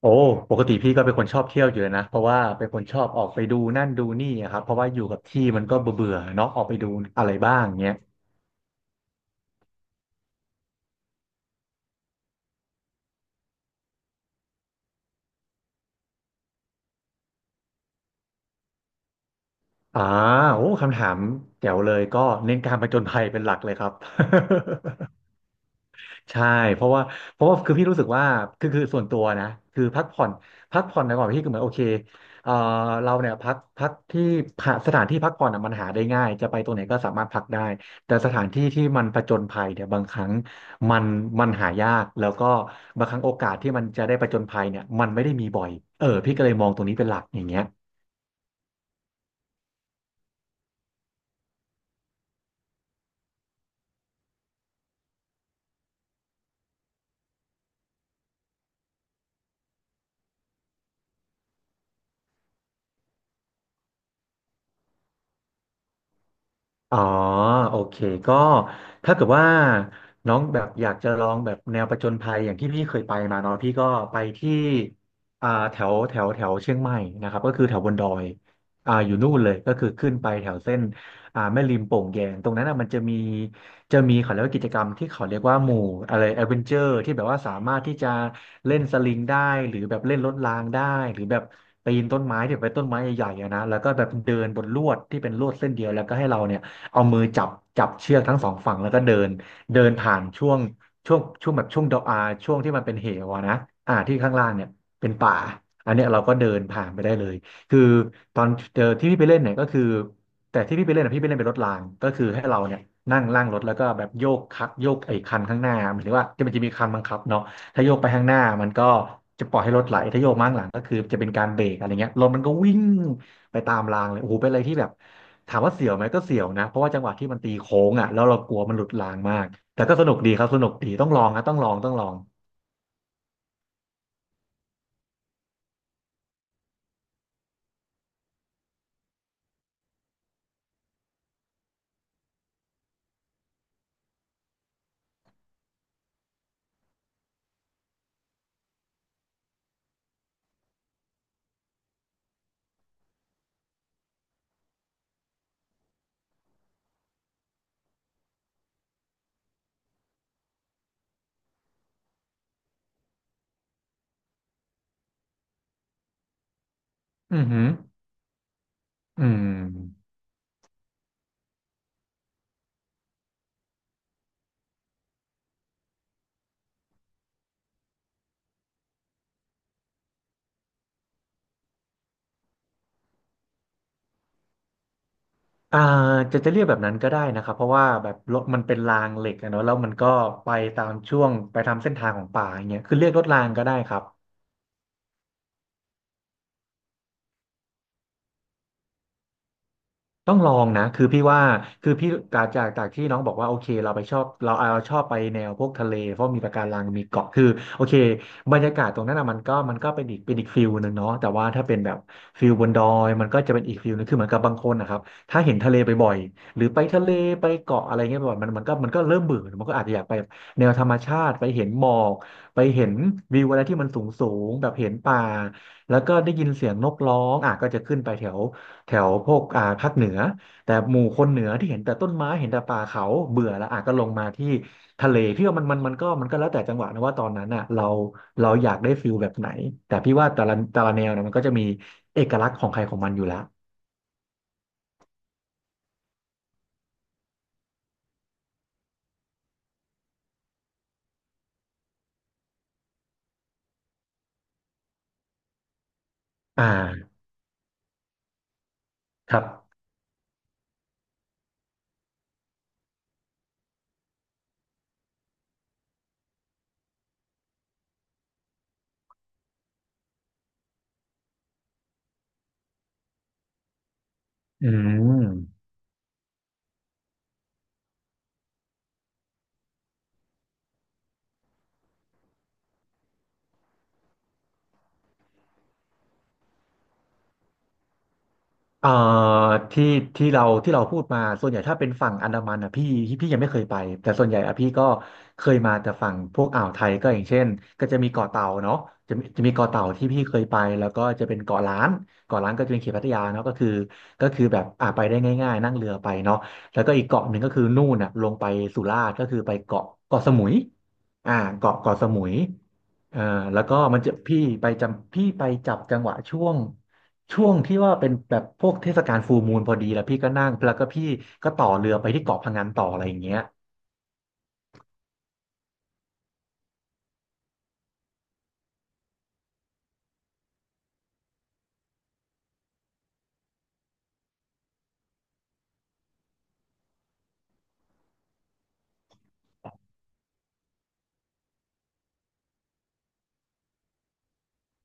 โอ้ปกติพี่ก็เป็นคนชอบเที่ยวอยู่แล้วนะเพราะว่าเป็นคนชอบออกไปดูนั่นดูนี่อะครับเพราะว่าอยู่กับที่มันก็เบื่อเบื่อเนาะออกไปดูอะไรบ้างเงี้ยอ่าโอ้คำถามแจ๋วเลยก็เน้นการผจญภัยเป็นหลักเลยครับ ใช่เพราะว่าเพราะว่าคือพี่รู้สึกว่าคือส่วนตัวนะคือพักผ่อนในก่อนพี่คือเหมือนโอเคเอ่อเราเนี่ยพักที่พักสถานที่พักผ่อนอะมันหาได้ง่ายจะไปตรงไหนก็สามารถพักได้แต่สถานที่ที่มันผจญภัยเนี่ยบางครั้งมันมันหายากแล้วก็บางครั้งโอกาสที่มันจะได้ผจญภัยเนี่ยมันไม่ได้มีบ่อยเออพี่ก็เลยมองตรงนี้เป็นหลักอย่างเงี้ย อ๋อโอเคก็ถ้าเกิดว่าน้องแบบอยากจะลองแบบแนวผจญภัยอย่างที่พี่เคยไปมาเนาะพี่ก็ไปที่แถวแถวแถวเชียงใหม่นะครับก็คือแถวบนดอยอยู่นู่นเลยก็คือขึ้นไปแถวเส้นแม่ริมโป่งแยงตรงนั้นอ่ะมันจะมีเขาเรียกว่ากิจกรรมที่เขาเรียกว่าหมู่อะไรแอดเวนเจอร์ที่แบบว่าสามารถที่จะเล่นสลิงได้หรือแบบเล่นรถรางได้หรือแบบปีนต้นไม้ที่เป็นต้นไม้ใหญ่ๆอะนะแล้วก็แบบเดินบนลวดที่เป็นลวดเส้นเดียวแล้วก็ให้เราเนี่ย เอามือจับจับเชือกทั้งสองฝั่งแล้วก็เดินเดินผ่านช่วงแบบช่วงดอกอาช่วงที่มันเป็นเหวอะนะที่ข้างล่างเนี่ยเป็นป่าอันเนี้ยเราก็เดินผ่านไปได้เลยคือตอนเจอที่พี่ไปเล่นเนี่ยก็คือแต่ที่พี่ไปเล่นอะพี่ไปเล่นเป็นรถรางก็คือให้เราเนี่ยนั่งล่างรถแล้วก็แบบโยกคักโยกไอ้คันข้างหน้าหมายถึงว่ามันจะมีคันบังคับเนาะถ้าโยกไปข้างหน้ามันก็จะปล่อยให้รถไหลถ้าโยกมาข้างหลังก็คือจะเป็นการเบรกอะไรเงี้ยรถมันก็วิ่ง ไปตามรางเลยโอ้โหเป็นอะไรที่แบบถามว่าเสียวไหมก็เสียวนะเพราะว่าจังหวะที่มันตีโค้งอ่ะแล้วเรากลัวมันหลุดรางมากแต่ก็สนุกดีครับสนุกดีต้องลองนะต้องลองต้องลองอือหืออืมอ่าจะเรียกแบบนั้นก็ได้นะครับเพราะว่าแบบรถมันเป็นรางเหล็กอะเนอะแล้วมันก็ไปตามช่วงไปตามเส้นทางของป่าอย่างเงี้ยคือเรียกรถรางก็ได้ครับ ต้องลองนะคือพี่ว่าคือพี่จากที่น้องบอกว่าโอเคเราไปชอบเราเอาชอบไปแนวพวกทะเลเพราะมีปะการังมีเกาะคือโอเคบรรยากาศตรงนั้นอ่ะมันก็เป็นอีกเป็นอีกฟิลหนึ่งเนาะแต่ว่าถ้าเป็นแบบฟิลบนดอยมันก็จะเป็นอีกฟิลหนึงคือเหมือนกับบางคนนะครับถ้าเห็นทะเลบ่อยๆหรือไปทะเลไปเกาะอะไรเงี้ยบ่อยๆมันก็เริ่มเบื่อมันก็อาจจะอยากไปแนวธรรมชาติไปเห็นหมอกไปเห็นวิวอะไรที่มันสูงสูงแบบเห็นป่าแล้วก็ได้ยินเสียงนกร้องอ่ะก็จะขึ้นไปแถว แถวพวกภาคเหนือแต่หมู่คนเหนือที่เห็นแต่ต้นไม้เห็นแต่ป่าเขาเบื่อแล้วอาจก็ลงมาที่ทะเลพี่ว่ามันมันก็แล้วแต่จังหวะนะว่าตอนนั้นอ่ะเราอยากได้ฟิลแบบไหนแต่พี่ว่าแต่ละแนวนะมันก็จะมีเอกลักษณ์ของใครของมันอยู่แล้วอ่าครับอืม เอ่อที่ที่เราพูดมาส่วนใหญ่ถ้าเป็นฝั่งอันดามันอ่ะพี่ยังไม่เคยไปแต่ส่วนใหญ่อ่ะพี่ก็เคยมาแต่ฝั่งพวกอ่าวไทยก็อย่างเช่นก็จะมีเกาะเต่าเนาะจะมีเกาะเต่าที่พี่เคยไปแล้วก็จะเป็นเกาะล้านเกาะล้านก็จะเป็นเขตพัทยาเนาะก็คือแบบไปได้ง่ายๆนั่งเรือไปเนาะแล้วก็อีกเกาะหนึ่งก็คือนู่นอ่ะลงไปสุราษฎร์ก็คือไปเกาะเกาะสมุยเกาะเกาะสมุยเอ่อแล้วก็มันจะพี่ไปจับจังหวะช่วง ช่วงที่ว่าเป็นแบบพวกเทศกาลฟูลมูนพอดีแล้วพี่ก็นั่งแล้วก็พี่ก็ต่อเรือไปที่เกาะพะงันต่ออะไรอย่างเงี้ย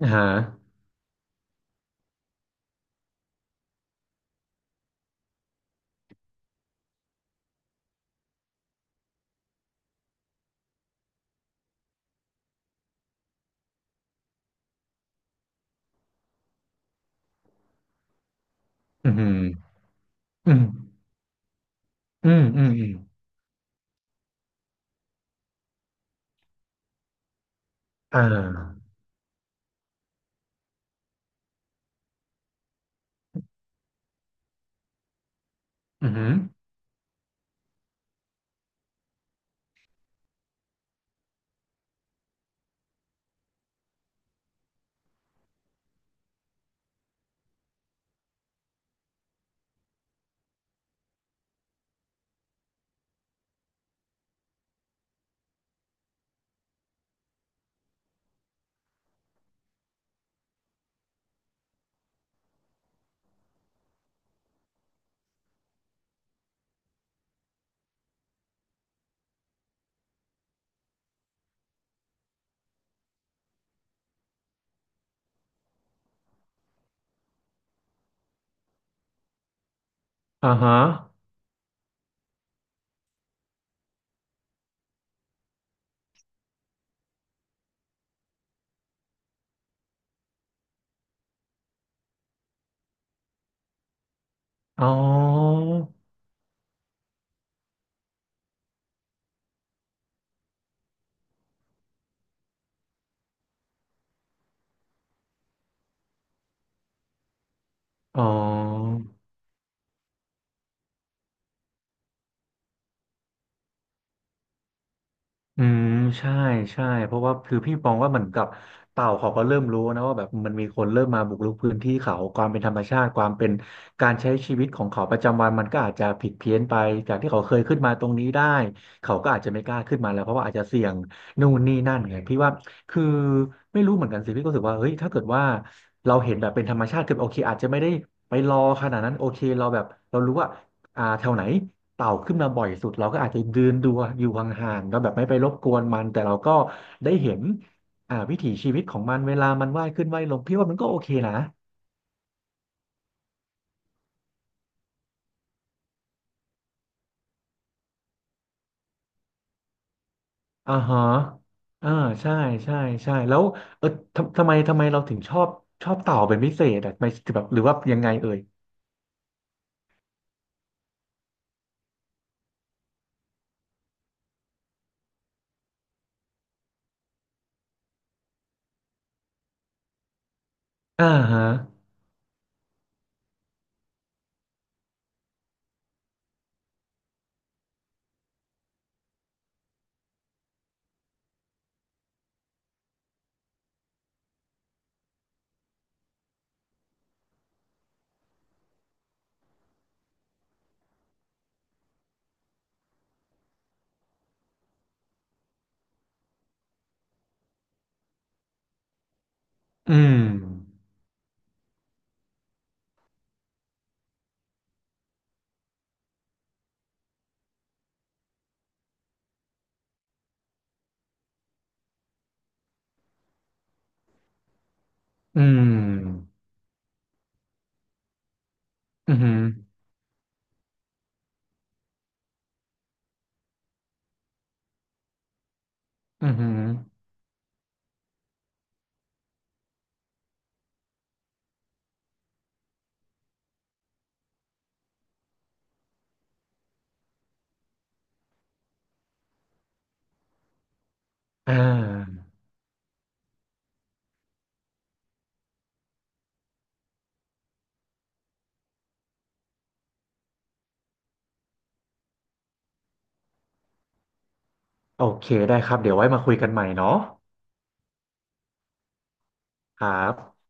อ่าฮะอืมอืืมอืมอืมอืมอ่าอืมอหืออ่าฮะอ๋ออ๋อ อืมใช่ใช่เพราะว่าคือพี่มองว่าเหมือนกับเต่าเขาก็เริ่มรู้นะว่าแบบมันมีคนเริ่มมาบุกรุกพื้นที่เขาความเป็นธรรมชาติความเป็นการใช้ชีวิตของเขาประจำวันมันก็อาจจะผิดเพี้ยนไปจากที่เขาเคยขึ้นมาตรงนี้ได้เขาก็อาจจะไม่กล้าขึ้นมาแล้วเพราะว่าอาจจะเสี่ยงนู่นนี่นั่นไงพี่ว่าคือไม่รู้เหมือนกันสิพี่ก็รู้สึกว่าเฮ้ยถ้าเกิดว่าเราเห็นแบบเป็นธรรมชาติคือโอเคอาจจะไม่ได้ไปรอขนาดนั้นโอเคเราแบบเรารู้ว่าแถวไหน เต่าขึ้นมาบ่อยสุดเราก็อาจจะเดืนดูอยู่ห่างๆเราแบบไม่ไปรบกวนมันแต่เราก็ได้เห็นวิถีชีวิตของมันเวลามันว่ายขึ้นว่ายลงพี่ว่ามันก็โอเคนะอ่าฮะอ่าใช่ใช่ใช่แล้วเออทำไมเราถึงชอบชอบเต่าเป็นพิเศษอ่ะไม่แบบหรือว่ายังไงเอ่ยอ่าฮะอืมอืมอืมอหืมออือหืออ่าโอเคได้ครับเดี๋ยวไว้มาคุยกันใหม่เนาะครับ